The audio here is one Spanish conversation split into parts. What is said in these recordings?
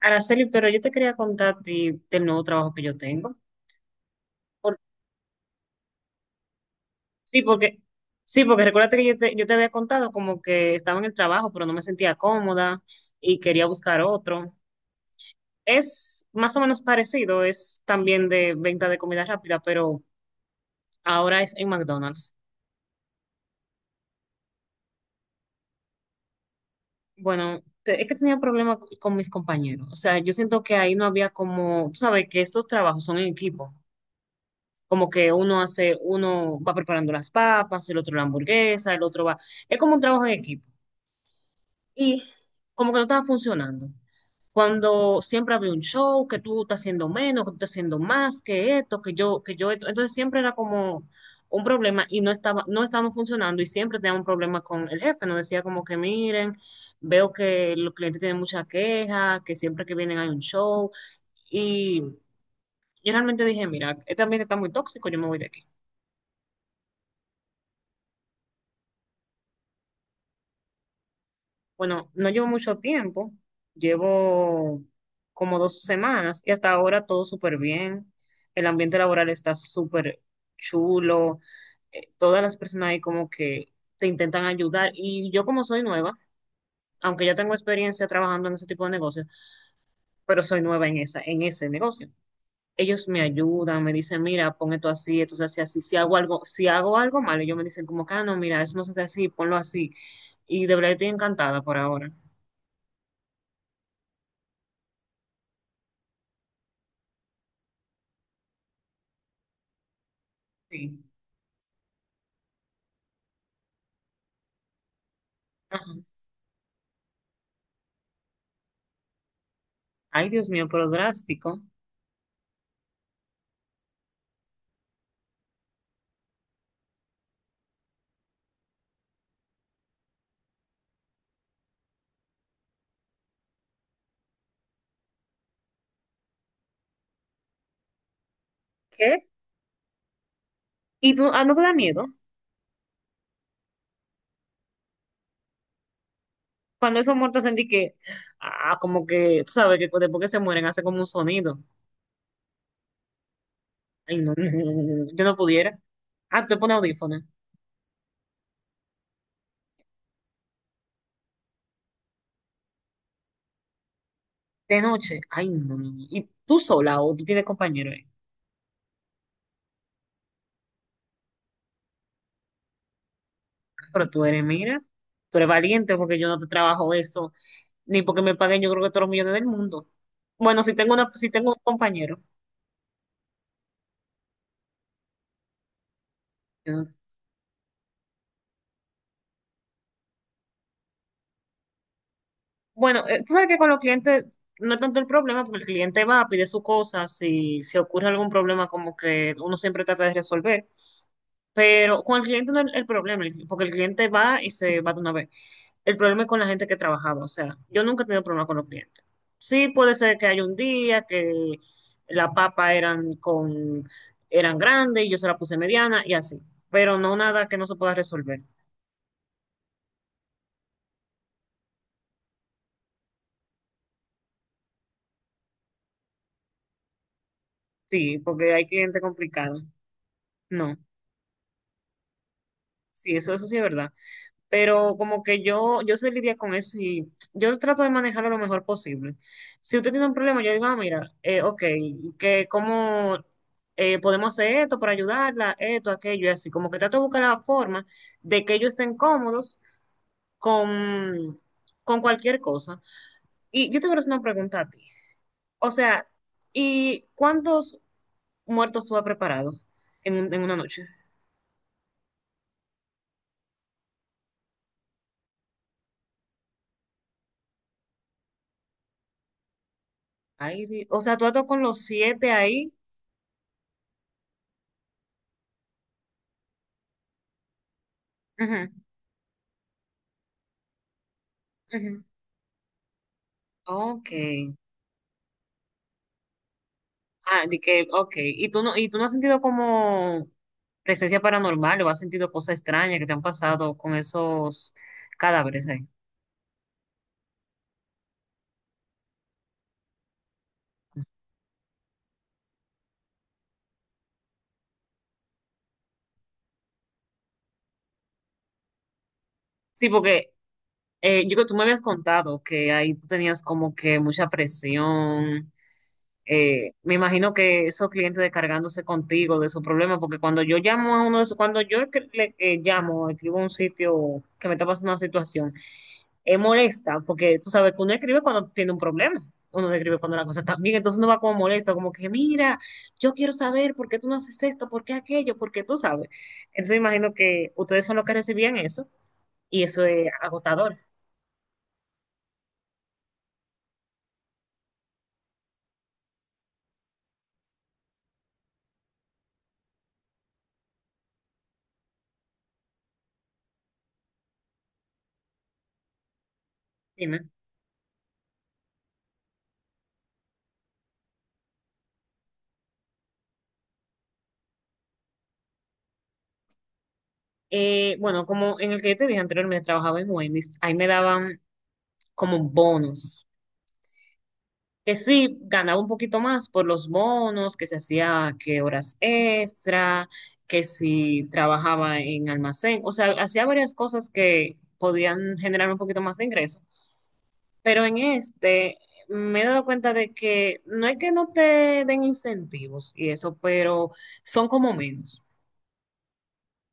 Araceli, pero yo te quería contar a ti del nuevo trabajo que yo tengo. Por- sí, porque, sí, porque recuérdate que yo te había contado como que estaba en el trabajo, pero no me sentía cómoda y quería buscar otro. Es más o menos parecido, es también de venta de comida rápida, pero ahora es en McDonald's. Bueno, es que tenía problemas con mis compañeros. O sea, yo siento que ahí no había como, tú sabes que estos trabajos son en equipo. Como que uno hace, uno va preparando las papas, el otro la hamburguesa, el otro va. Es como un trabajo en equipo. Y como que no estaba funcionando. Cuando siempre había un show, que tú estás haciendo menos, que tú estás haciendo más, que esto, que yo esto. Entonces siempre era como un problema y no estábamos funcionando y siempre teníamos un problema con el jefe. Nos decía como que miren, veo que los clientes tienen mucha queja, que siempre que vienen hay un show. Y yo realmente dije, mira, este ambiente está muy tóxico, yo me voy de aquí. Bueno, no llevo mucho tiempo, llevo como 2 semanas y hasta ahora todo súper bien. El ambiente laboral está súper chulo, todas las personas ahí como que te intentan ayudar y yo como soy nueva, aunque ya tengo experiencia trabajando en ese tipo de negocios, pero soy nueva en ese negocio. Ellos me ayudan, me dicen, mira, pon esto así, esto se hace así, si hago algo mal, ellos me dicen como que, ah, no, mira, eso no se hace así, ponlo así. Y de verdad estoy encantada por ahora. Sí. Ajá. Ay, Dios mío, pero drástico. ¿Qué? ¿Y tú, ah, no te da miedo? Cuando esos muertos sentí que, ah, como que, tú sabes que después que se mueren hace como un sonido. Ay, no, yo no pudiera. Ah, tú te pones audífonos. De noche, ay, no, no, no, no. ¿Y tú sola o tú tienes compañero ahí? Pero tú eres, mira, tú eres valiente porque yo no te trabajo eso, ni porque me paguen yo creo que todos los millones del mundo. Bueno, si tengo un compañero. Bueno, tú sabes que con los clientes no es tanto el problema, porque el cliente va, pide su cosa, si ocurre algún problema, como que uno siempre trata de resolver. Pero con el cliente no es el problema, porque el cliente va y se va de una vez. El problema es con la gente que trabajaba, o sea, yo nunca he tenido problema con los clientes. Sí, puede ser que haya un día que la papa eran grandes y yo se la puse mediana y así, pero no nada que no se pueda resolver. Sí, porque hay cliente complicado. No, sí, eso sí es verdad. Pero como que yo sé lidiar con eso y yo trato de manejarlo lo mejor posible. Si usted tiene un problema, yo digo, ah, mira, ok, que cómo podemos hacer esto para ayudarla, esto, aquello, y así, como que trato de buscar la forma de que ellos estén cómodos con, con cualquier cosa. Y yo te quiero hacer una pregunta a ti. O sea, ¿y cuántos muertos tú has preparado en una noche? Ay, o sea, tú has estado con los siete ahí. Ujú, ujú. Ok. Ah, de que, ok. ¿Y tú no has sentido como presencia paranormal o has sentido cosas extrañas que te han pasado con esos cadáveres ahí? Sí, porque yo creo que tú me habías contado que ahí tú tenías como que mucha presión. Me imagino que esos clientes descargándose contigo de su problema, porque cuando yo llamo a uno de esos, cuando yo le llamo, escribo a un sitio que me está pasando una situación, molesta, porque tú sabes que uno escribe cuando tiene un problema, uno no escribe cuando la cosa está bien, entonces uno va como molesto, como que mira, yo quiero saber por qué tú no haces esto, por qué aquello, por qué tú sabes. Entonces imagino que ustedes son los que recibían eso y eso es agotador. Dime. Bueno, como en el que yo te dije anteriormente, trabajaba en Wendy's, ahí me daban como bonos que sí ganaba un poquito más por los bonos, que se hacía que horas extra, que si trabajaba en almacén, o sea, hacía varias cosas que podían generar un poquito más de ingreso. Pero en este me he dado cuenta de que no es que no te den incentivos y eso, pero son como menos.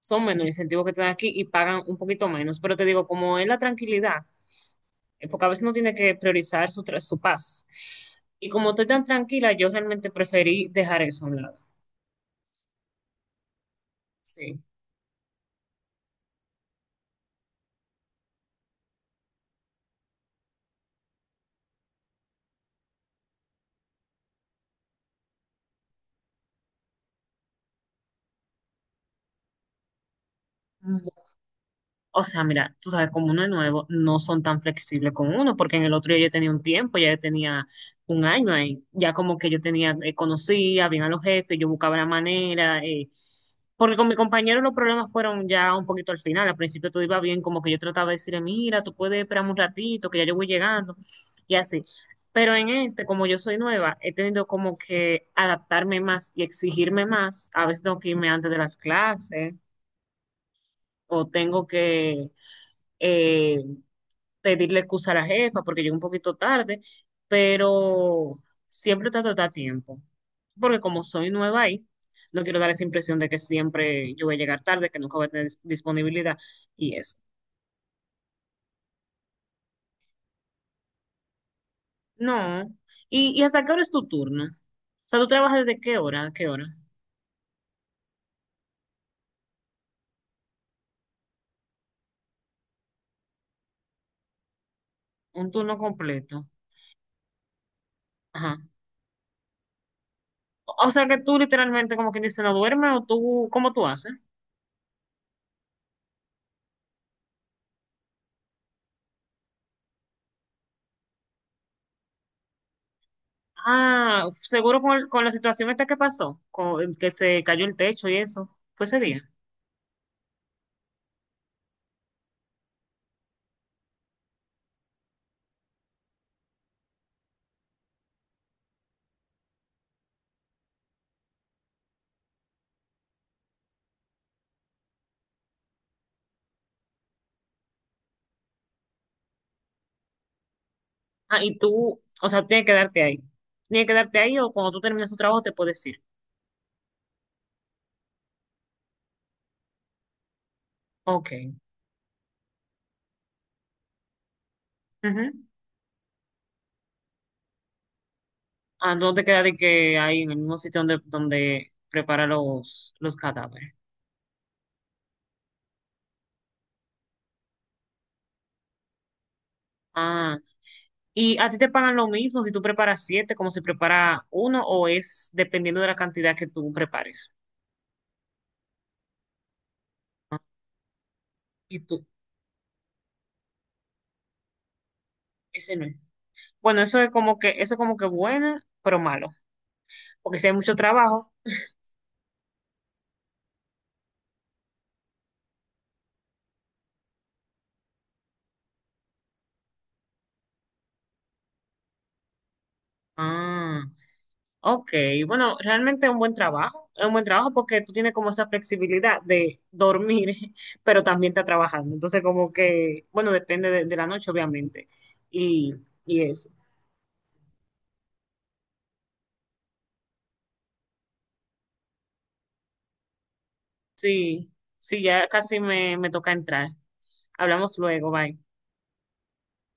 Son menos los incentivos que te dan aquí y pagan un poquito menos. Pero te digo, como es la tranquilidad, porque a veces uno tiene que priorizar su, su paz. Y como estoy tan tranquila, yo realmente preferí dejar eso a un lado. Sí. Ujú. O sea, mira, tú sabes, como uno es nuevo, no son tan flexibles con uno, porque en el otro yo ya tenía un tiempo, ya yo tenía un año ahí, ya como que yo tenía, conocía bien a los jefes, yo buscaba la manera. Porque con mi compañero los problemas fueron ya un poquito al final. Al principio todo iba bien, como que yo trataba de decirle, mira, tú puedes esperar un ratito, que ya yo voy llegando, y así. Pero en este, como yo soy nueva, he tenido como que adaptarme más y exigirme más. A veces tengo que irme antes de las clases o tengo que eh, pedirle excusa a la jefa porque llegué un poquito tarde, pero siempre trato de estar a tiempo, porque como soy nueva ahí, no quiero dar esa impresión de que siempre yo voy a llegar tarde, que nunca voy a tener disponibilidad y eso. No. Y hasta qué hora es tu turno? O sea, ¿tú trabajas desde qué hora a qué hora? Un turno completo. Ajá. O sea, que tú literalmente como quien dice no duermes o tú, ¿cómo tú haces? Ah, seguro con, con la situación esta que pasó, que se cayó el techo y eso. Fue ese día. Ah, y tú, o sea, tienes que quedarte ahí. Tienes que quedarte ahí o cuando tú termines tu trabajo te puedes ir. Ok. Ujú. Ah, no te queda de que ahí en el mismo sitio donde prepara los cadáveres. Ah, ¿y a ti te pagan lo mismo si tú preparas siete como si prepara uno o es dependiendo de la cantidad que tú prepares? Y tú, ese no es. Bueno, eso es como que, eso es como que bueno, pero malo. Porque si hay mucho trabajo. Ah. Ok, bueno, realmente es un buen trabajo, es un buen trabajo porque tú tienes como esa flexibilidad de dormir, pero también estás trabajando. Entonces, como que, bueno, depende de la noche, obviamente. Y, y eso. Sí, sí, ya casi me toca entrar. Hablamos luego, bye.